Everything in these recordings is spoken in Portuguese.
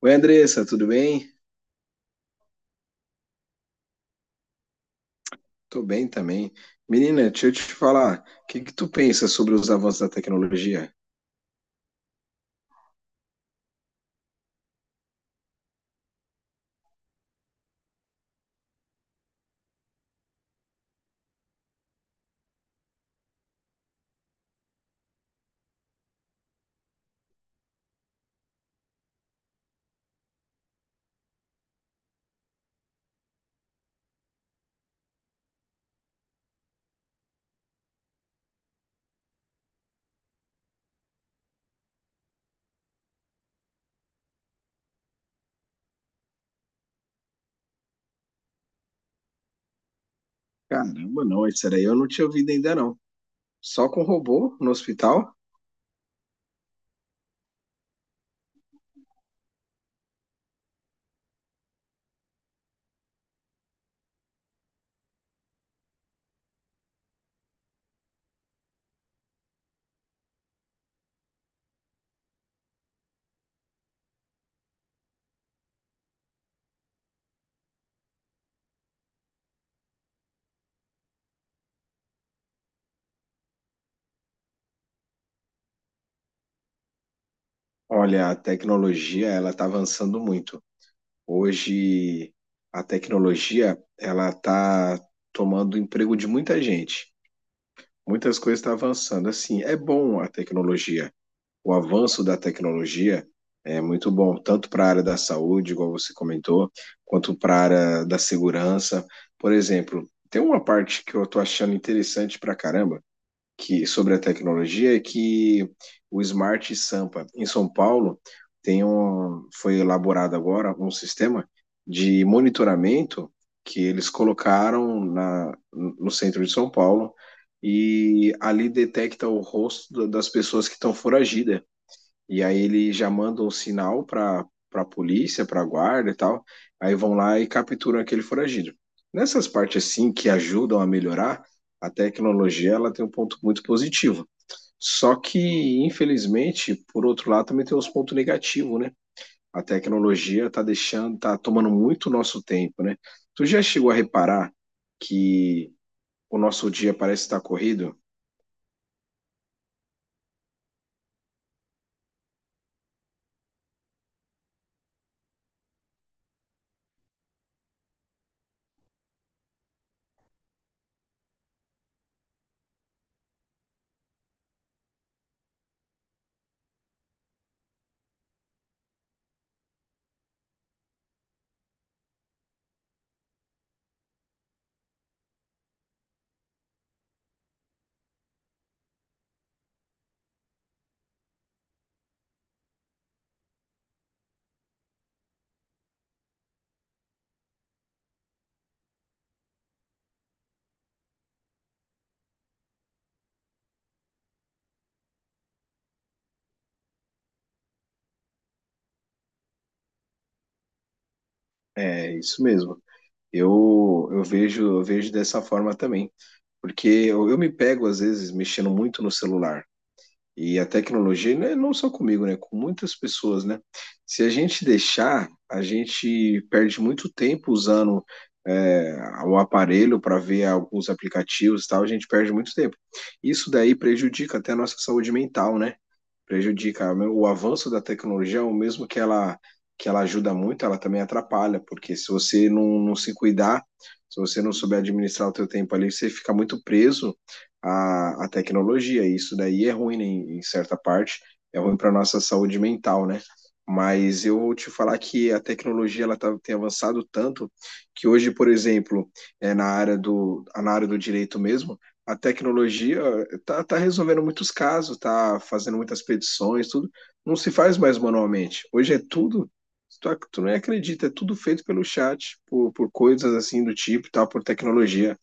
Oi, Andressa, tudo bem? Tô bem também. Menina, deixa eu te falar, o que que tu pensa sobre os avanços da tecnologia? Caramba, não, isso daí eu não tinha ouvido ainda não. Só com robô no hospital? Olha, a tecnologia, ela tá avançando muito. Hoje, a tecnologia, ela tá tomando o emprego de muita gente. Muitas coisas estão avançando. Assim, é bom a tecnologia, o avanço da tecnologia é muito bom, tanto para a área da saúde, igual você comentou, quanto para a área da segurança. Por exemplo, tem uma parte que eu estou achando interessante para caramba que sobre a tecnologia é que o Smart Sampa em São Paulo foi elaborado agora um sistema de monitoramento que eles colocaram no centro de São Paulo e ali detecta o rosto das pessoas que estão foragidas e aí ele já manda um sinal para polícia, para guarda e tal. Aí vão lá e capturam aquele foragido. Nessas partes assim que ajudam a melhorar, a tecnologia ela tem um ponto muito positivo. Só que, infelizmente, por outro lado, também tem uns pontos negativos, né? A tecnologia tá tomando muito nosso tempo, né? Tu já chegou a reparar que o nosso dia parece estar corrido? É isso mesmo. Eu vejo dessa forma também. Porque eu me pego, às vezes, mexendo muito no celular. E a tecnologia, né, não só comigo, né, com muitas pessoas, né? Se a gente deixar, a gente perde muito tempo usando é, o aparelho para ver alguns aplicativos e tal, a gente perde muito tempo. Isso daí prejudica até a nossa saúde mental, né? Prejudica. O avanço da tecnologia, é o mesmo que ela ajuda muito, ela também atrapalha, porque se você não se cuidar, se você não souber administrar o teu tempo ali, você fica muito preso à tecnologia, e isso daí é ruim, né, em certa parte, é ruim para nossa saúde mental, né? Mas eu vou te falar que a tecnologia ela tem avançado tanto que hoje, por exemplo, é na área do direito mesmo, a tecnologia está tá tá resolvendo muitos casos, está fazendo muitas petições, tudo. Não se faz mais manualmente. Hoje é tudo, tu não acredita, é tudo feito pelo chat, por coisas assim do tipo, e tal, por tecnologia.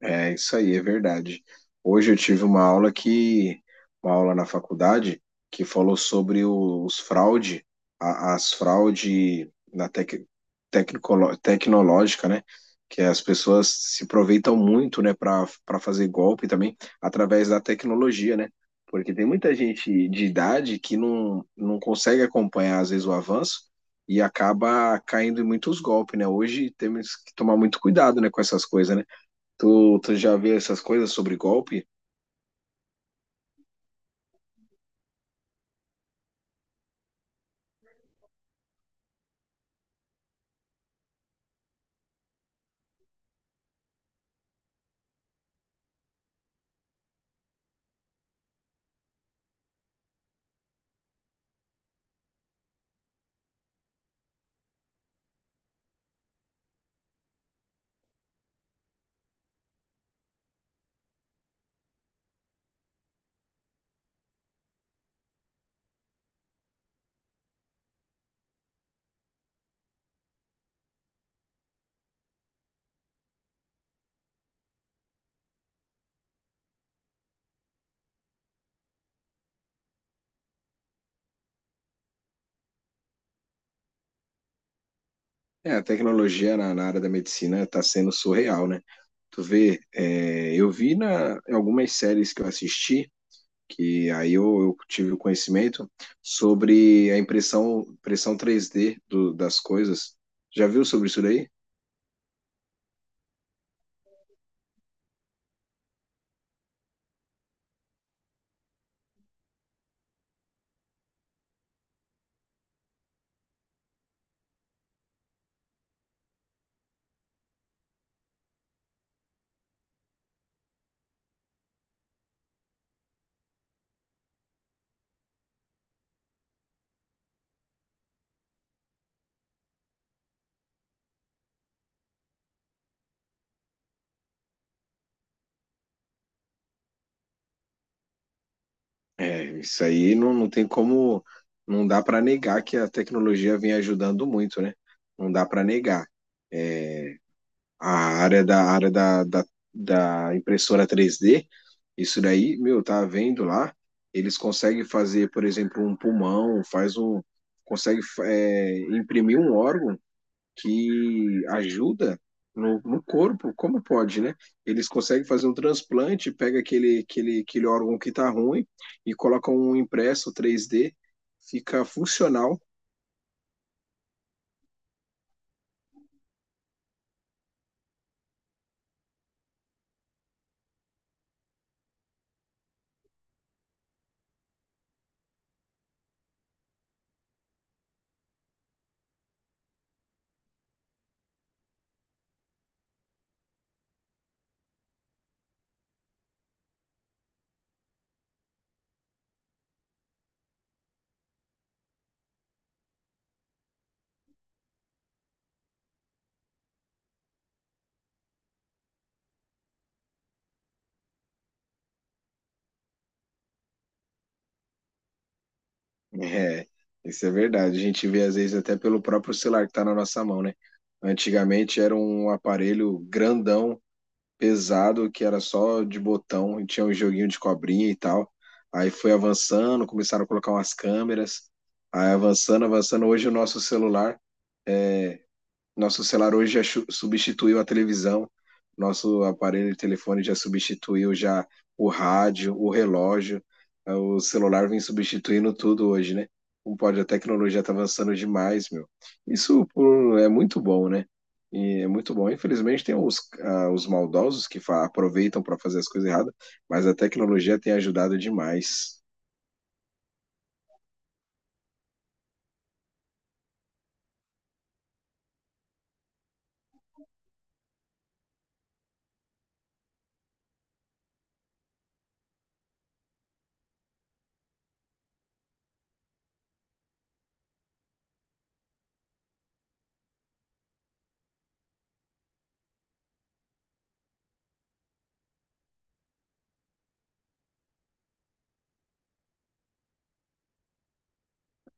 É isso aí, é verdade. Hoje eu tive uma aula na faculdade, que falou sobre as fraude tecnológica, né? Que as pessoas se aproveitam muito, né, para fazer golpe também através da tecnologia, né? Porque tem muita gente de idade que não consegue acompanhar, às vezes, o avanço e acaba caindo em muitos golpes, né? Hoje temos que tomar muito cuidado, né, com essas coisas, né? Tu já viu essas coisas sobre golpe? É, a tecnologia na área da medicina tá sendo surreal, né? Tu vê, eu vi em algumas séries que eu assisti, que aí eu tive o conhecimento sobre a impressão 3D das coisas. Já viu sobre isso daí? É, isso aí não tem como, não dá para negar que a tecnologia vem ajudando muito, né? Não dá para negar. É, a a área da, da, da impressora 3D, isso daí, meu, tá vendo lá, eles conseguem fazer, por exemplo, um pulmão, consegue imprimir um órgão que ajuda no corpo, como pode, né? Eles conseguem fazer um transplante, pega aquele órgão que tá ruim e coloca um impresso 3D, fica funcional. É, isso é verdade. A gente vê às vezes até pelo próprio celular que tá na nossa mão, né? Antigamente era um aparelho grandão, pesado, que era só de botão e tinha um joguinho de cobrinha e tal. Aí foi avançando, começaram a colocar umas câmeras, aí avançando, avançando. Hoje o nosso celular. Nosso celular hoje já substituiu a televisão, nosso aparelho de telefone já substituiu já o rádio, o relógio, o celular vem substituindo tudo hoje, né? Como pode, a tecnologia está avançando demais, meu. É muito bom, né? E é muito bom. Infelizmente tem os maldosos que aproveitam para fazer as coisas erradas, mas a tecnologia tem ajudado demais.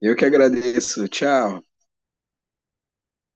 Eu que agradeço. Tchau.